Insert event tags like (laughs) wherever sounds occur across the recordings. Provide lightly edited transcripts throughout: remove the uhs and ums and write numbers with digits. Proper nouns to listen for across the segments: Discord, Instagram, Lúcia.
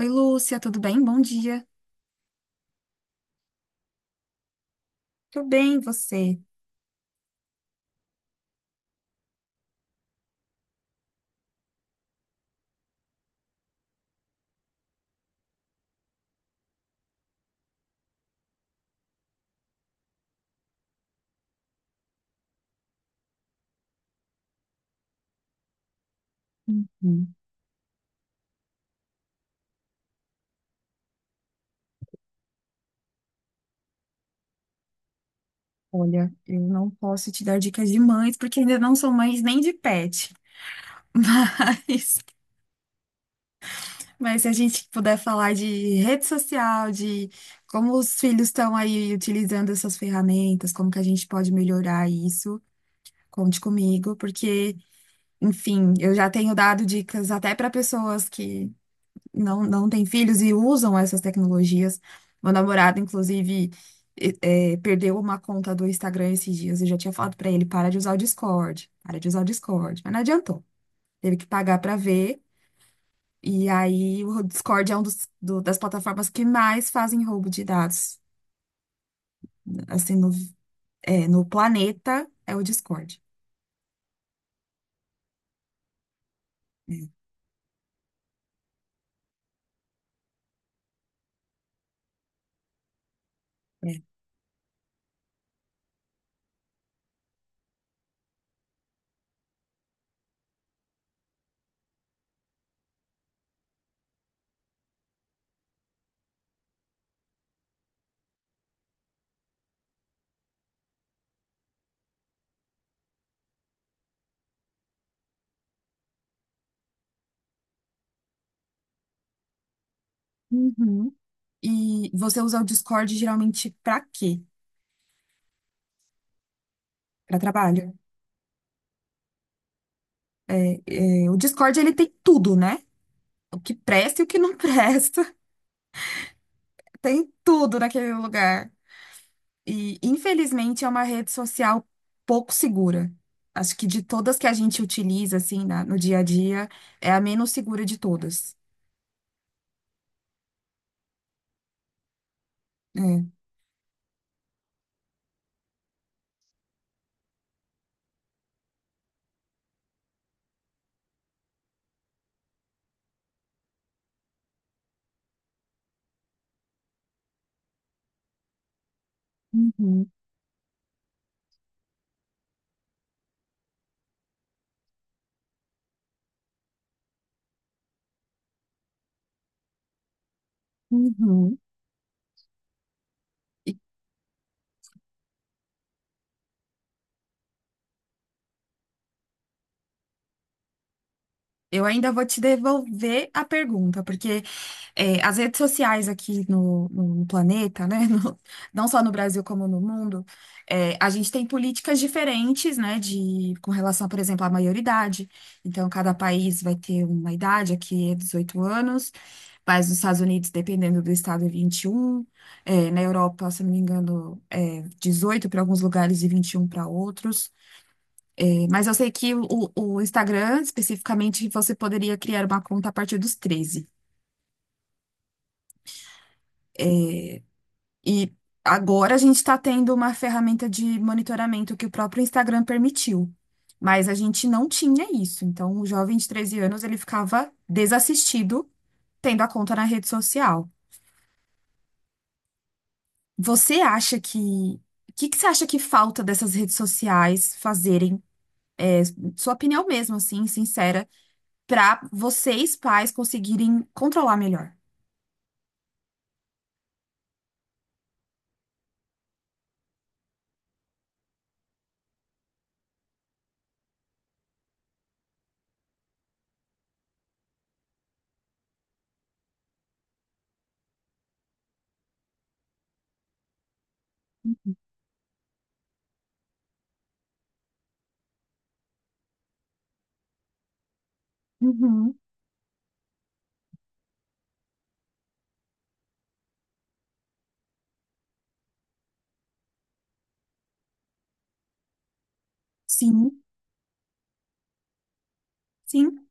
Oi, Lúcia, tudo bem? Bom dia. Tudo bem, você? Hum. Olha, eu não posso te dar dicas de mães, porque ainda não sou mãe nem de pet. (laughs) Mas, mas se a gente puder falar de rede social, de como os filhos estão aí utilizando essas ferramentas, como que a gente pode melhorar isso, conte comigo, porque, enfim, eu já tenho dado dicas até para pessoas que não têm filhos e usam essas tecnologias. Meu namorado, inclusive, perdeu uma conta do Instagram esses dias. Eu já tinha falado pra ele, para de usar o Discord, para de usar o Discord. Mas não adiantou. Teve que pagar pra ver. E aí o Discord é um dos, das plataformas que mais fazem roubo de dados, assim, no planeta, é o Discord. É. É. Uhum. E você usa o Discord geralmente pra quê? Pra trabalho. É, o Discord, ele tem tudo, né? O que presta e o que não presta. (laughs) Tem tudo naquele lugar. E, infelizmente, é uma rede social pouco segura. Acho que de todas que a gente utiliza, assim, no dia a dia, é a menos segura de todas. É. Uhum, uhum. Eu ainda vou te devolver a pergunta, porque é, as redes sociais aqui no planeta, né? (laughs) Não só no Brasil como no mundo, é, a gente tem políticas diferentes, né? De, com relação, por exemplo, à maioridade. Então, cada país vai ter uma idade, aqui é 18 anos, mas nos Estados Unidos, dependendo do estado, é 21. É, na Europa, se não me engano, é 18 para alguns lugares e 21 para outros. Mas eu sei que o Instagram, especificamente, você poderia criar uma conta a partir dos 13. E agora a gente está tendo uma ferramenta de monitoramento que o próprio Instagram permitiu. Mas a gente não tinha isso. Então, o jovem de 13 anos, ele ficava desassistido tendo a conta na rede social. Você acha que... O que que você acha que falta dessas redes sociais fazerem, é, sua opinião mesmo, assim, sincera, para vocês, pais, conseguirem controlar melhor. Uhum. Sim, sim.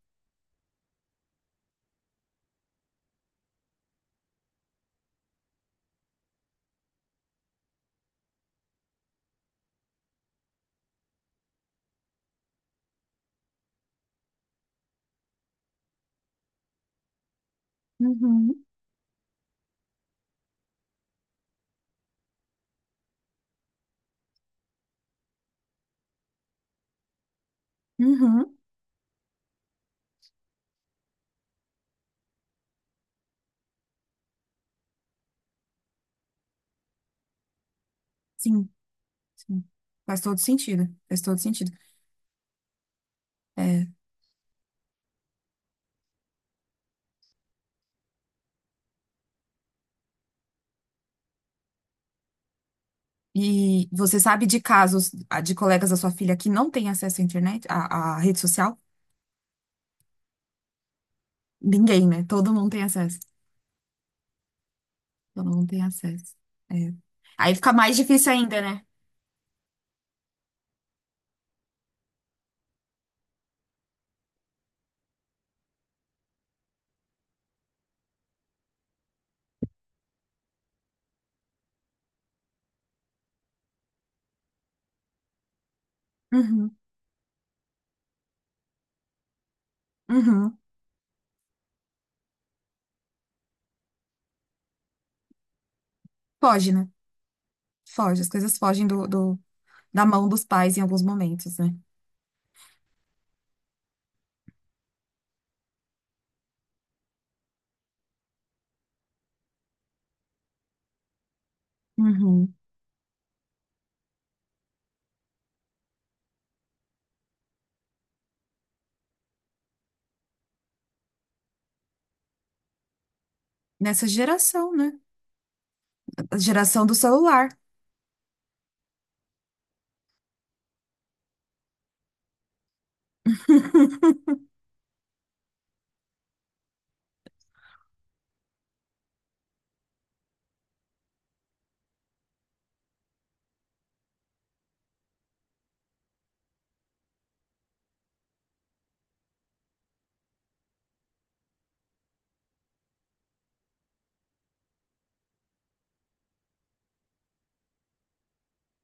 Uhum, uhum. sim, sim. Faz todo sentido, faz todo sentido. É, e você sabe de casos ah, de colegas da sua filha que não têm acesso à internet, à, à rede social? Ninguém, né? Todo mundo tem acesso. Todo mundo tem acesso. É. Aí fica mais difícil ainda, né? Uhum, uhum. Foge, né? Foge. As coisas fogem do, da mão dos pais em alguns momentos, né? Uhum. Nessa geração, né? A geração do celular. (laughs)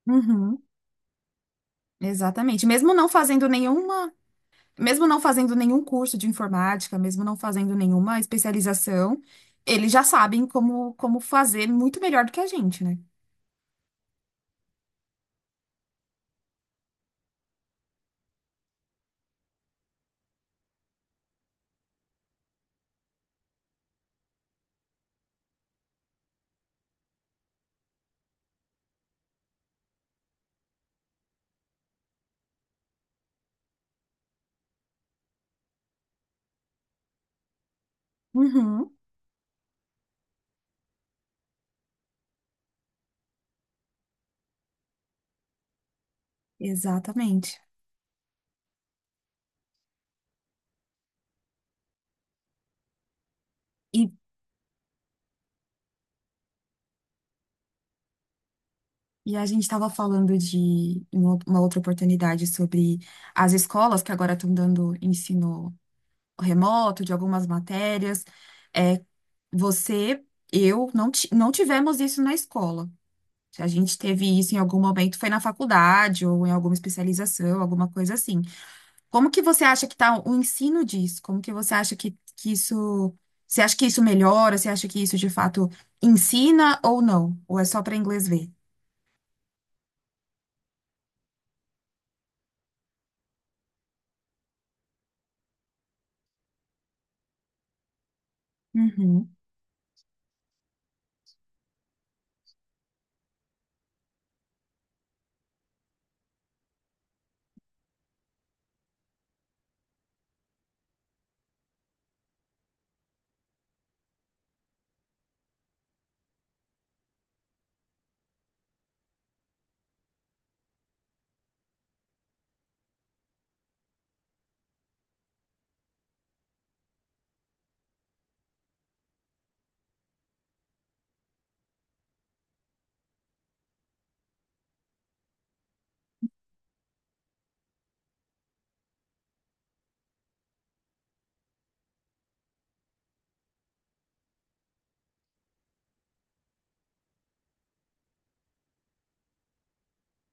Uhum. Exatamente. Mesmo não fazendo nenhum curso de informática, mesmo não fazendo nenhuma especialização, eles já sabem como, como fazer muito melhor do que a gente, né? Uhum, exatamente. E, e a gente estava falando de, uma outra oportunidade, sobre as escolas que agora estão dando ensino remoto de algumas matérias. É, você, eu, não, ti- não tivemos isso na escola. A gente teve isso em algum momento, foi na faculdade ou em alguma especialização, alguma coisa assim. Como que você acha que está o ensino disso? Como que você acha que isso. Você acha que isso melhora? Você acha que isso de fato ensina ou não? Ou é só para inglês ver? Uhum,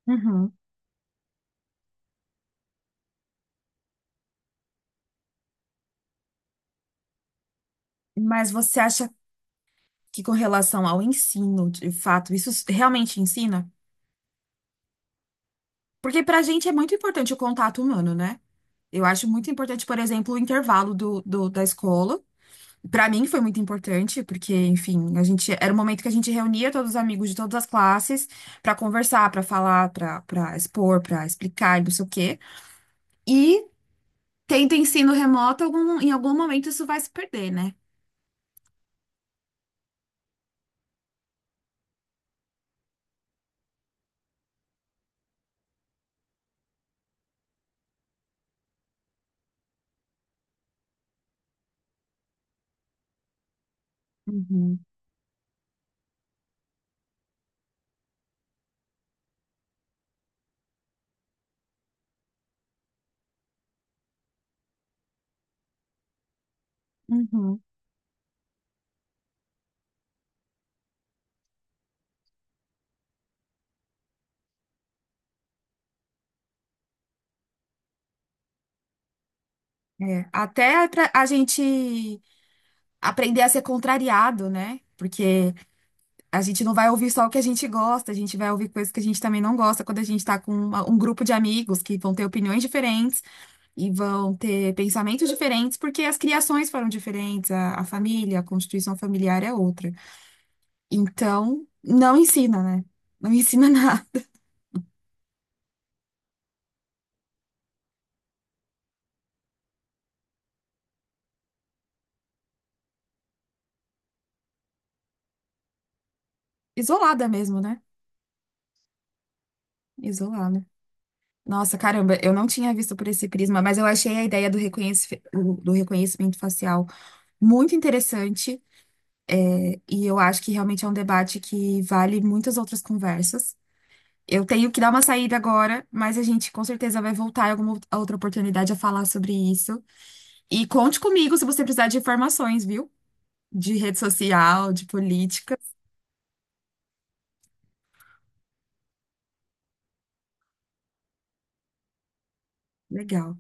uhum. Mas você acha que com relação ao ensino, de fato, isso realmente ensina? Porque para a gente é muito importante o contato humano, né? Eu acho muito importante, por exemplo, o intervalo do, da escola. Pra mim foi muito importante, porque, enfim, a gente era o momento que a gente reunia todos os amigos de todas as classes pra conversar, pra falar, pra para expor, pra explicar, e não sei o quê. E tendo ensino remoto, em algum momento isso vai se perder, né? Uhum, uhum. É, até pra a gente aprender a ser contrariado, né? Porque a gente não vai ouvir só o que a gente gosta, a gente vai ouvir coisas que a gente também não gosta quando a gente tá com um grupo de amigos que vão ter opiniões diferentes. E vão ter pensamentos diferentes, porque as criações foram diferentes, a família, a constituição familiar é outra. Então, não ensina, né? Não ensina (laughs) nada. Isolada mesmo, né? Isolada. Nossa, caramba, eu não tinha visto por esse prisma, mas eu achei a ideia do do reconhecimento facial muito interessante e eu acho que realmente é um debate que vale muitas outras conversas. Eu tenho que dar uma saída agora, mas a gente com certeza vai voltar em alguma outra oportunidade a falar sobre isso. E conte comigo se você precisar de informações, viu? De rede social, de política. Legal.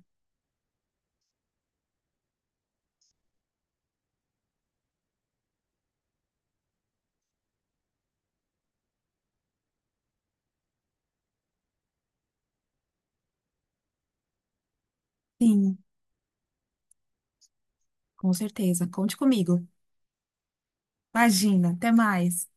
Sim, com certeza. Conte comigo. Imagina. Até mais.